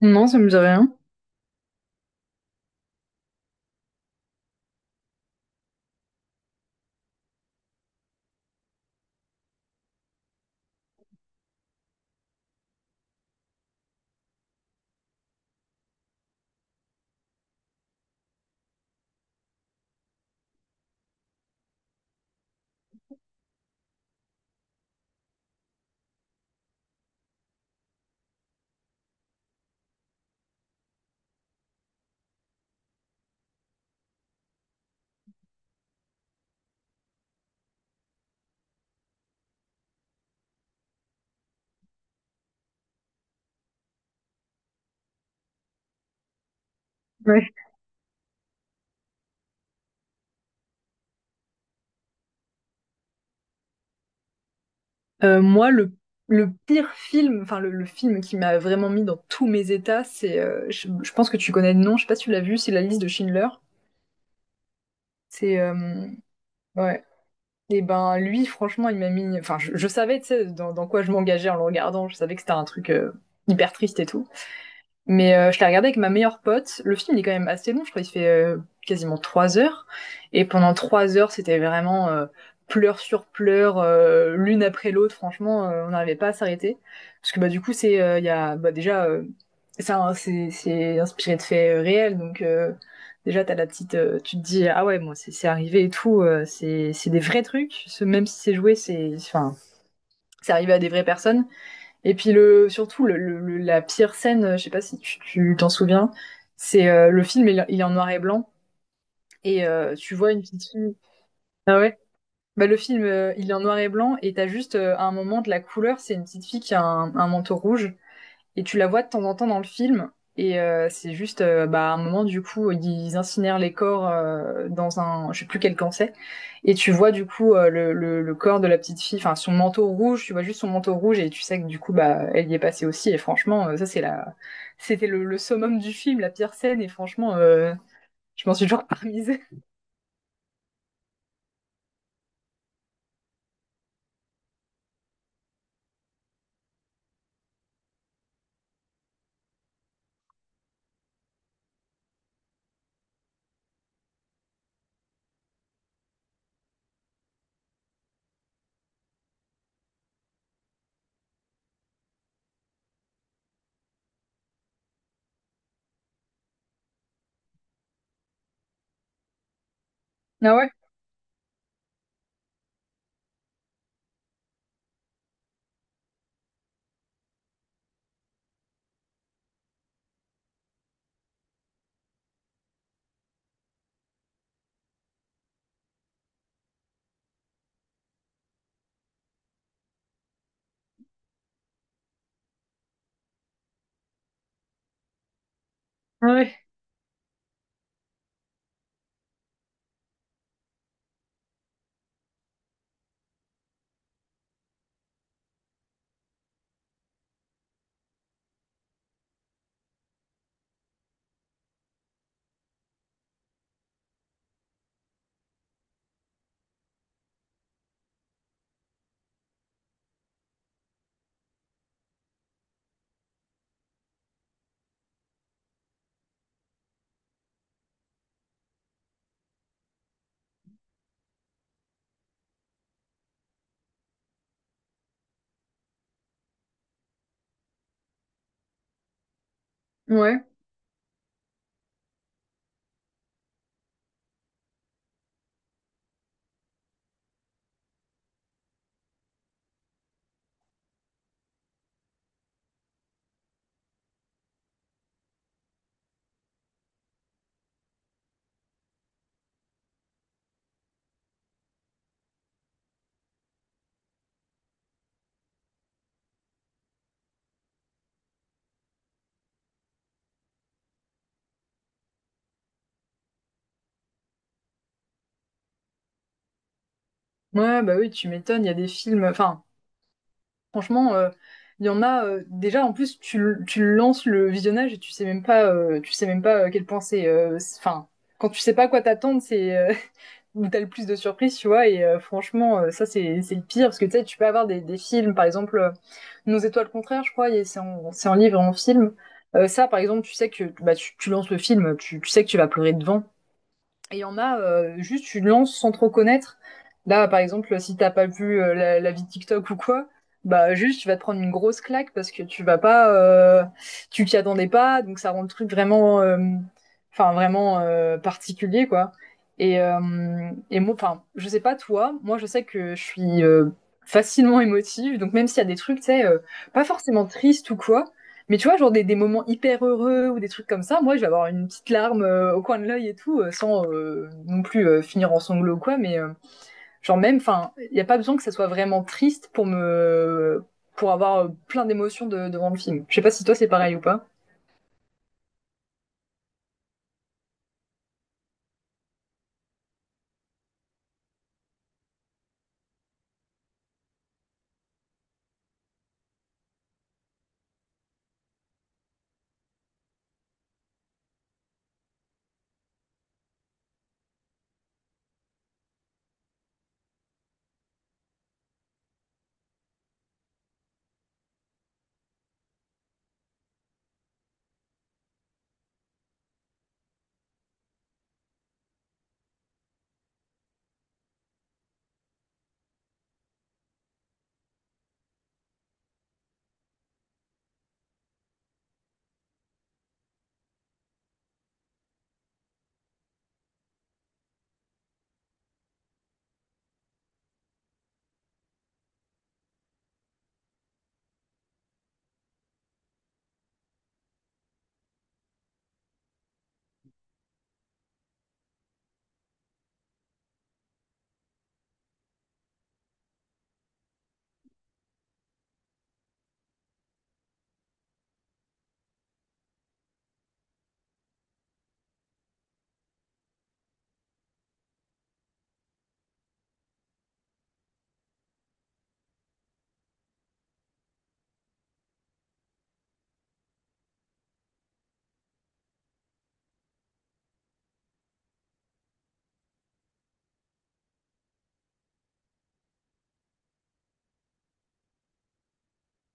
Non, ça me dit rien. Ouais. Moi, le pire film, le film qui m'a vraiment mis dans tous mes états, c'est, je pense que tu connais le nom, je sais pas si tu l'as vu, c'est La liste de Schindler. C'est, ouais. Et ben lui, franchement, il m'a mis, enfin je savais, tu sais, dans quoi je m'engageais en le regardant, je savais que c'était un truc hyper triste et tout. Mais je l'ai regardé avec ma meilleure pote. Le film il est quand même assez long, je crois il fait quasiment trois heures. Et pendant trois heures, c'était vraiment pleurs sur pleurs, l'une après l'autre. Franchement, on n'arrivait pas à s'arrêter. Parce que bah, du coup, c'est il y a, bah, déjà, c'est un- c'est inspiré de faits réels. Donc déjà, t'as la petite, tu te dis, ah ouais, bon, c'est arrivé et tout. C'est des vrais trucs. Même si c'est joué, c'est enfin, c'est arrivé à des vraies personnes. Et puis le, surtout la pire scène, je sais pas si tu t'en souviens, c'est le film il est en noir et blanc et tu vois une petite fille. Ah ouais. Bah le film il est en noir et blanc et t'as juste à un moment de la couleur, c'est une petite fille qui a un manteau rouge et tu la vois de temps en temps dans le film. Et c'est juste, bah, à un moment, du coup, ils incinèrent les corps dans un, je sais plus quel camp c'est. Et tu vois, du coup, le corps de la petite fille, enfin, son manteau rouge, tu vois juste son manteau rouge et tu sais que, du coup, bah, elle y est passée aussi. Et franchement, c'était le summum du film, la pire scène. Et franchement, je m'en suis toujours parmisée. Ah ouais? Ouais. Ouais. Ouais, bah oui, tu m'étonnes, il y a des films, enfin, franchement, il y en a déjà en plus tu lances le visionnage et tu sais même pas tu sais même pas à quel point enfin quand tu sais pas à quoi t'attendre, c'est où t'as le plus de surprises, tu vois et franchement ça c'est le pire parce que tu sais tu peux avoir des films par exemple Nos étoiles contraires, je crois, et c'est en livre et en film. Ça par exemple, tu sais que bah tu lances le film, tu sais que tu vas pleurer devant et il y en a, juste tu lances sans trop connaître. Là, par exemple, si t'as pas vu la vie de TikTok ou quoi, bah juste tu vas te prendre une grosse claque parce que tu vas pas, tu t'y attendais pas, donc ça rend le truc vraiment, vraiment particulier quoi. Et moi, enfin, je sais pas toi, moi je sais que je suis facilement émotive, donc même s'il y a des trucs, tu sais, pas forcément tristes ou quoi, mais tu vois, des moments hyper heureux ou des trucs comme ça, moi je vais avoir une petite larme au coin de l'œil et tout, sans non plus finir en sanglots ou quoi, mais genre même, enfin, il n'y a pas besoin que ça soit vraiment triste pour me pour avoir plein d'émotions devant le film. Je sais pas si toi c'est pareil ou pas.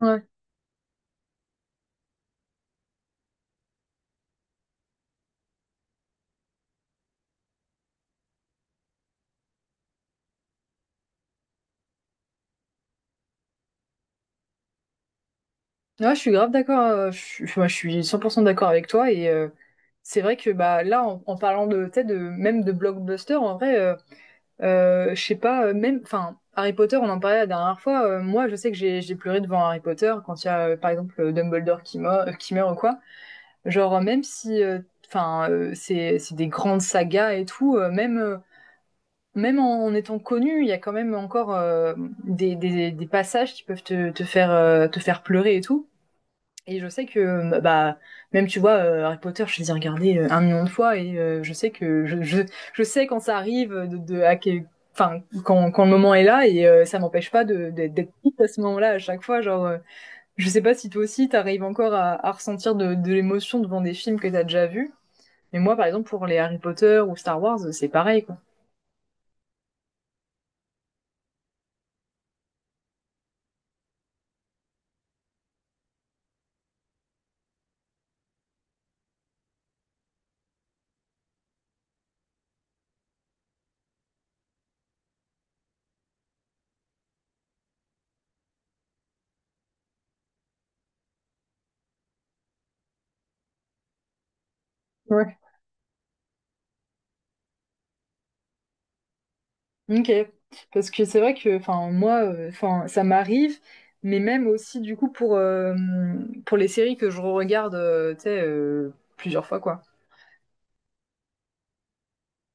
Ouais. Ouais, je suis grave d'accord, moi, je suis 100% d'accord avec toi et c'est vrai que bah là en parlant de, tu sais, de même de blockbuster en vrai je sais pas, même, enfin, Harry Potter, on en parlait la dernière fois. Moi, je sais que j'ai pleuré devant Harry Potter quand il y a, par exemple, Dumbledore qui meurt ou quoi. Genre, même si, enfin, c'est des grandes sagas et tout, même en étant connu, il y a quand même encore des passages qui peuvent te faire pleurer et tout. Et je sais que, bah, même tu vois, Harry Potter, je les ai regardés un million de fois et je sais que je sais quand ça arrive, enfin, quand le moment est là et ça m'empêche pas d'être triste à ce moment-là à chaque fois. Genre, je sais pas si toi aussi t'arrives encore à ressentir de l'émotion devant des films que t'as déjà vus. Mais moi, par exemple, pour les Harry Potter ou Star Wars, c'est pareil, quoi. Ouais. Ok, parce que c'est vrai que, enfin, moi, enfin, ça m'arrive, mais même aussi, du coup, pour les séries que je regarde, tu sais, plusieurs fois, quoi.